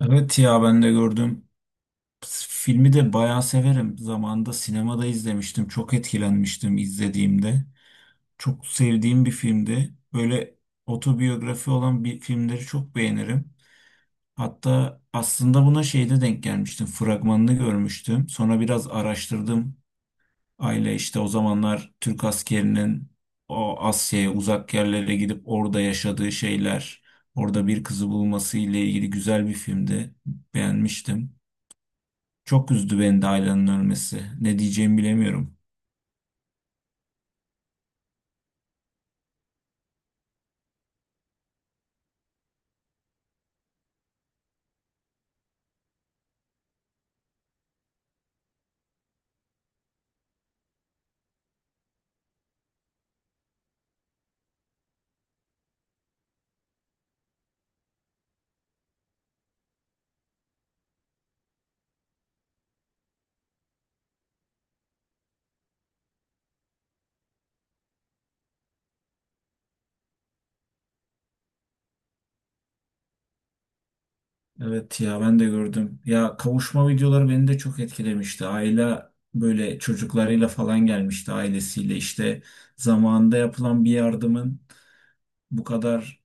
Evet ya ben de gördüm. Filmi de bayağı severim. Zamanında sinemada izlemiştim. Çok etkilenmiştim izlediğimde. Çok sevdiğim bir filmdi. Böyle otobiyografi olan bir filmleri çok beğenirim. Hatta aslında buna şeyde denk gelmiştim. Fragmanını görmüştüm. Sonra biraz araştırdım. Aile işte o zamanlar Türk askerinin o Asya'ya uzak yerlere gidip orada yaşadığı şeyler, orada bir kızı bulması ile ilgili güzel bir filmdi. Beğenmiştim. Çok üzdü beni de Ayla'nın ölmesi. Ne diyeceğimi bilemiyorum. Evet ya ben de gördüm. Ya kavuşma videoları beni de çok etkilemişti. Ayla böyle çocuklarıyla falan gelmişti ailesiyle. İşte zamanında yapılan bir yardımın bu kadar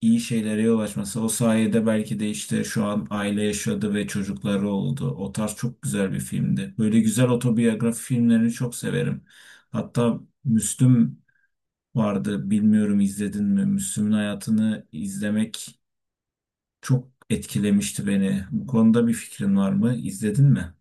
iyi şeylere yol açması. O sayede belki de işte şu an aile yaşadı ve çocukları oldu. O tarz çok güzel bir filmdi. Böyle güzel otobiyografi filmlerini çok severim. Hatta Müslüm vardı. Bilmiyorum izledin mi? Müslüm'ün hayatını izlemek çok etkilemişti beni. Bu konuda bir fikrin var mı? İzledin mi?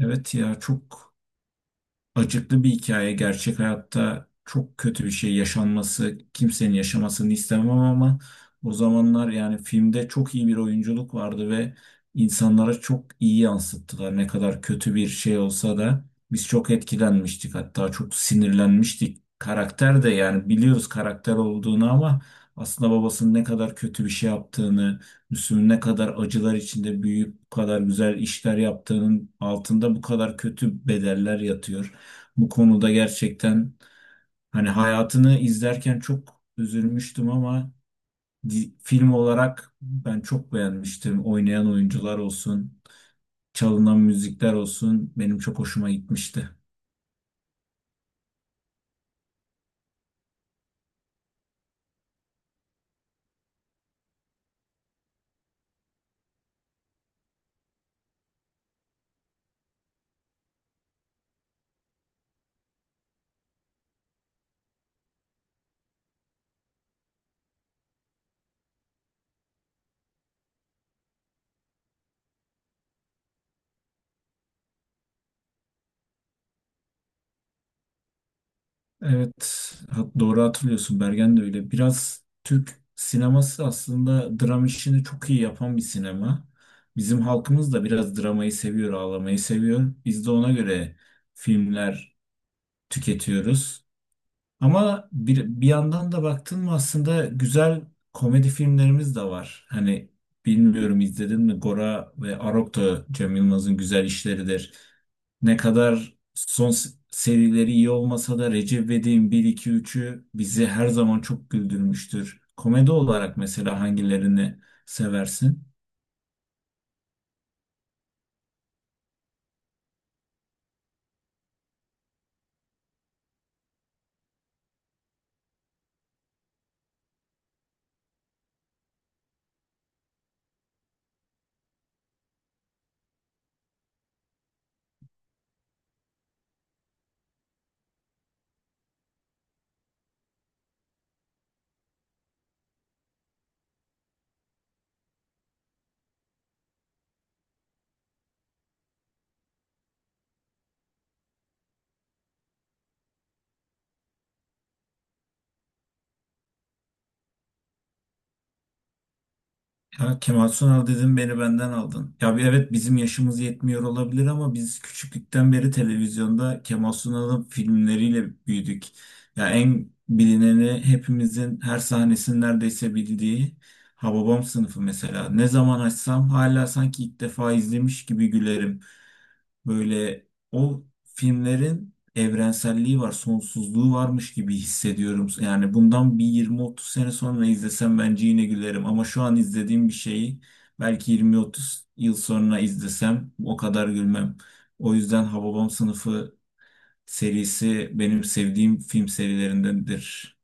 Evet ya çok acıklı bir hikaye. Gerçek hayatta çok kötü bir şey yaşanması, kimsenin yaşamasını istemem ama o zamanlar yani filmde çok iyi bir oyunculuk vardı ve insanlara çok iyi yansıttılar. Ne kadar kötü bir şey olsa da biz çok etkilenmiştik, hatta çok sinirlenmiştik. Karakter de, yani biliyoruz karakter olduğunu, ama aslında babasının ne kadar kötü bir şey yaptığını, Müslüm'ün ne kadar acılar içinde büyüyüp bu kadar güzel işler yaptığının altında bu kadar kötü bedeller yatıyor. Bu konuda gerçekten hani hayatını izlerken çok üzülmüştüm ama film olarak ben çok beğenmiştim. Oynayan oyuncular olsun, çalınan müzikler olsun benim çok hoşuma gitmişti. Evet, doğru hatırlıyorsun, Bergen de öyle. Biraz Türk sineması aslında dram işini çok iyi yapan bir sinema. Bizim halkımız da biraz dramayı seviyor, ağlamayı seviyor. Biz de ona göre filmler tüketiyoruz. Ama bir yandan da baktın mı aslında güzel komedi filmlerimiz de var. Hani bilmiyorum izledin mi, Gora ve Arok da Cem Yılmaz'ın güzel işleridir. Ne kadar son serileri iyi olmasa da Recep İvedik'in 1-2-3'ü bizi her zaman çok güldürmüştür. Komedi olarak mesela hangilerini seversin? Ya Kemal Sunal dedim, beni benden aldın. Ya bir, evet bizim yaşımız yetmiyor olabilir ama biz küçüklükten beri televizyonda Kemal Sunal'ın filmleriyle büyüdük. Ya en bilineni, hepimizin her sahnesini neredeyse bildiği Hababam Sınıfı mesela. Ne zaman açsam hala sanki ilk defa izlemiş gibi gülerim. Böyle o filmlerin evrenselliği var, sonsuzluğu varmış gibi hissediyorum. Yani bundan bir 20-30 sene sonra izlesem bence yine gülerim. Ama şu an izlediğim bir şeyi belki 20-30 yıl sonra izlesem o kadar gülmem. O yüzden Hababam Sınıfı serisi benim sevdiğim film serilerindendir.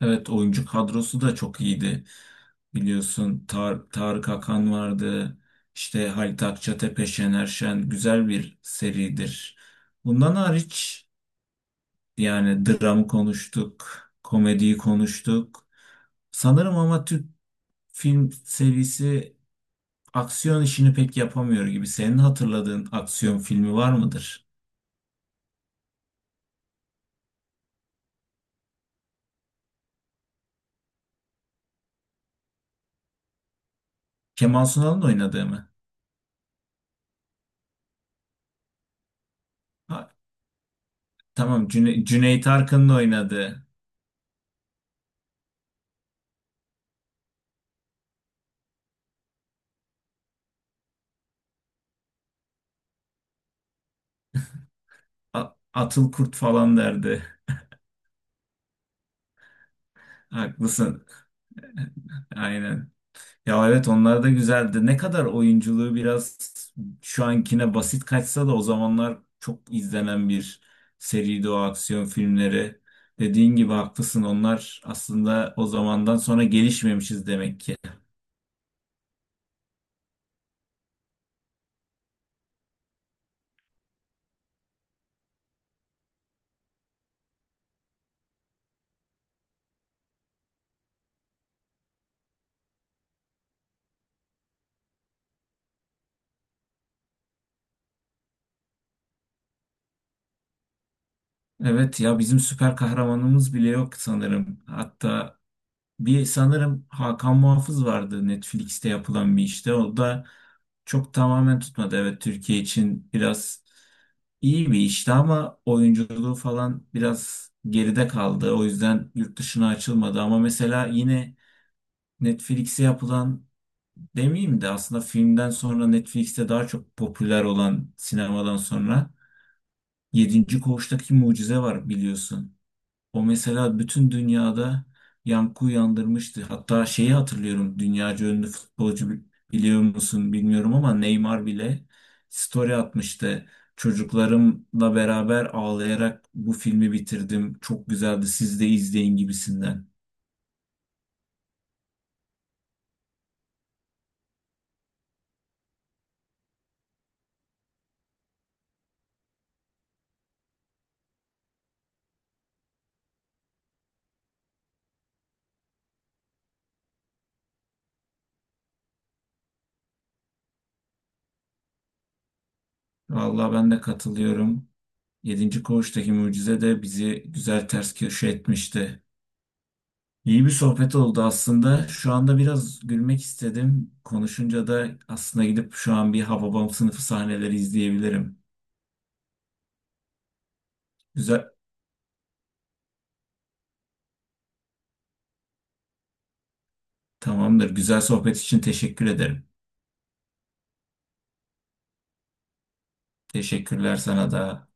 Evet, oyuncu kadrosu da çok iyiydi. Biliyorsun Tarık Akan vardı. İşte Halit Akçatepe, Şener Şen, güzel bir seridir. Bundan hariç, yani dram konuştuk, komediyi konuştuk. Sanırım ama Türk film serisi aksiyon işini pek yapamıyor gibi. Senin hatırladığın aksiyon filmi var mıdır? Kemal Sunal'ın oynadığı mı? Ha, tamam, Cüneyt Arkın'ın oynadığı. Atıl Kurt falan derdi. Haklısın. Aynen. Ya evet, onlar da güzeldi. Ne kadar oyunculuğu biraz şu ankine basit kaçsa da o zamanlar çok izlenen bir seriydi o aksiyon filmleri. Dediğin gibi haklısın, onlar aslında o zamandan sonra gelişmemişiz demek ki. Evet ya, bizim süper kahramanımız bile yok sanırım. Hatta bir sanırım Hakan Muhafız vardı, Netflix'te yapılan bir işte. O da çok tamamen tutmadı. Evet, Türkiye için biraz iyi bir işti ama oyunculuğu falan biraz geride kaldı. O yüzden yurt dışına açılmadı. Ama mesela yine Netflix'e yapılan demeyeyim de, aslında filmden sonra Netflix'te daha çok popüler olan, sinemadan sonra Yedinci Koğuş'taki Mucize var biliyorsun. O mesela bütün dünyada yankı uyandırmıştı. Hatta şeyi hatırlıyorum, dünyaca ünlü futbolcu, biliyor musun bilmiyorum ama Neymar bile story atmıştı. Çocuklarımla beraber ağlayarak bu filmi bitirdim. Çok güzeldi. Siz de izleyin gibisinden. Vallahi ben de katılıyorum. Yedinci Koğuş'taki Mucize de bizi güzel ters köşe etmişti. İyi bir sohbet oldu aslında. Şu anda biraz gülmek istedim. Konuşunca da aslında gidip şu an bir Hababam Sınıfı sahneleri izleyebilirim. Güzel, tamamdır. Güzel sohbet için teşekkür ederim. Teşekkürler sana da.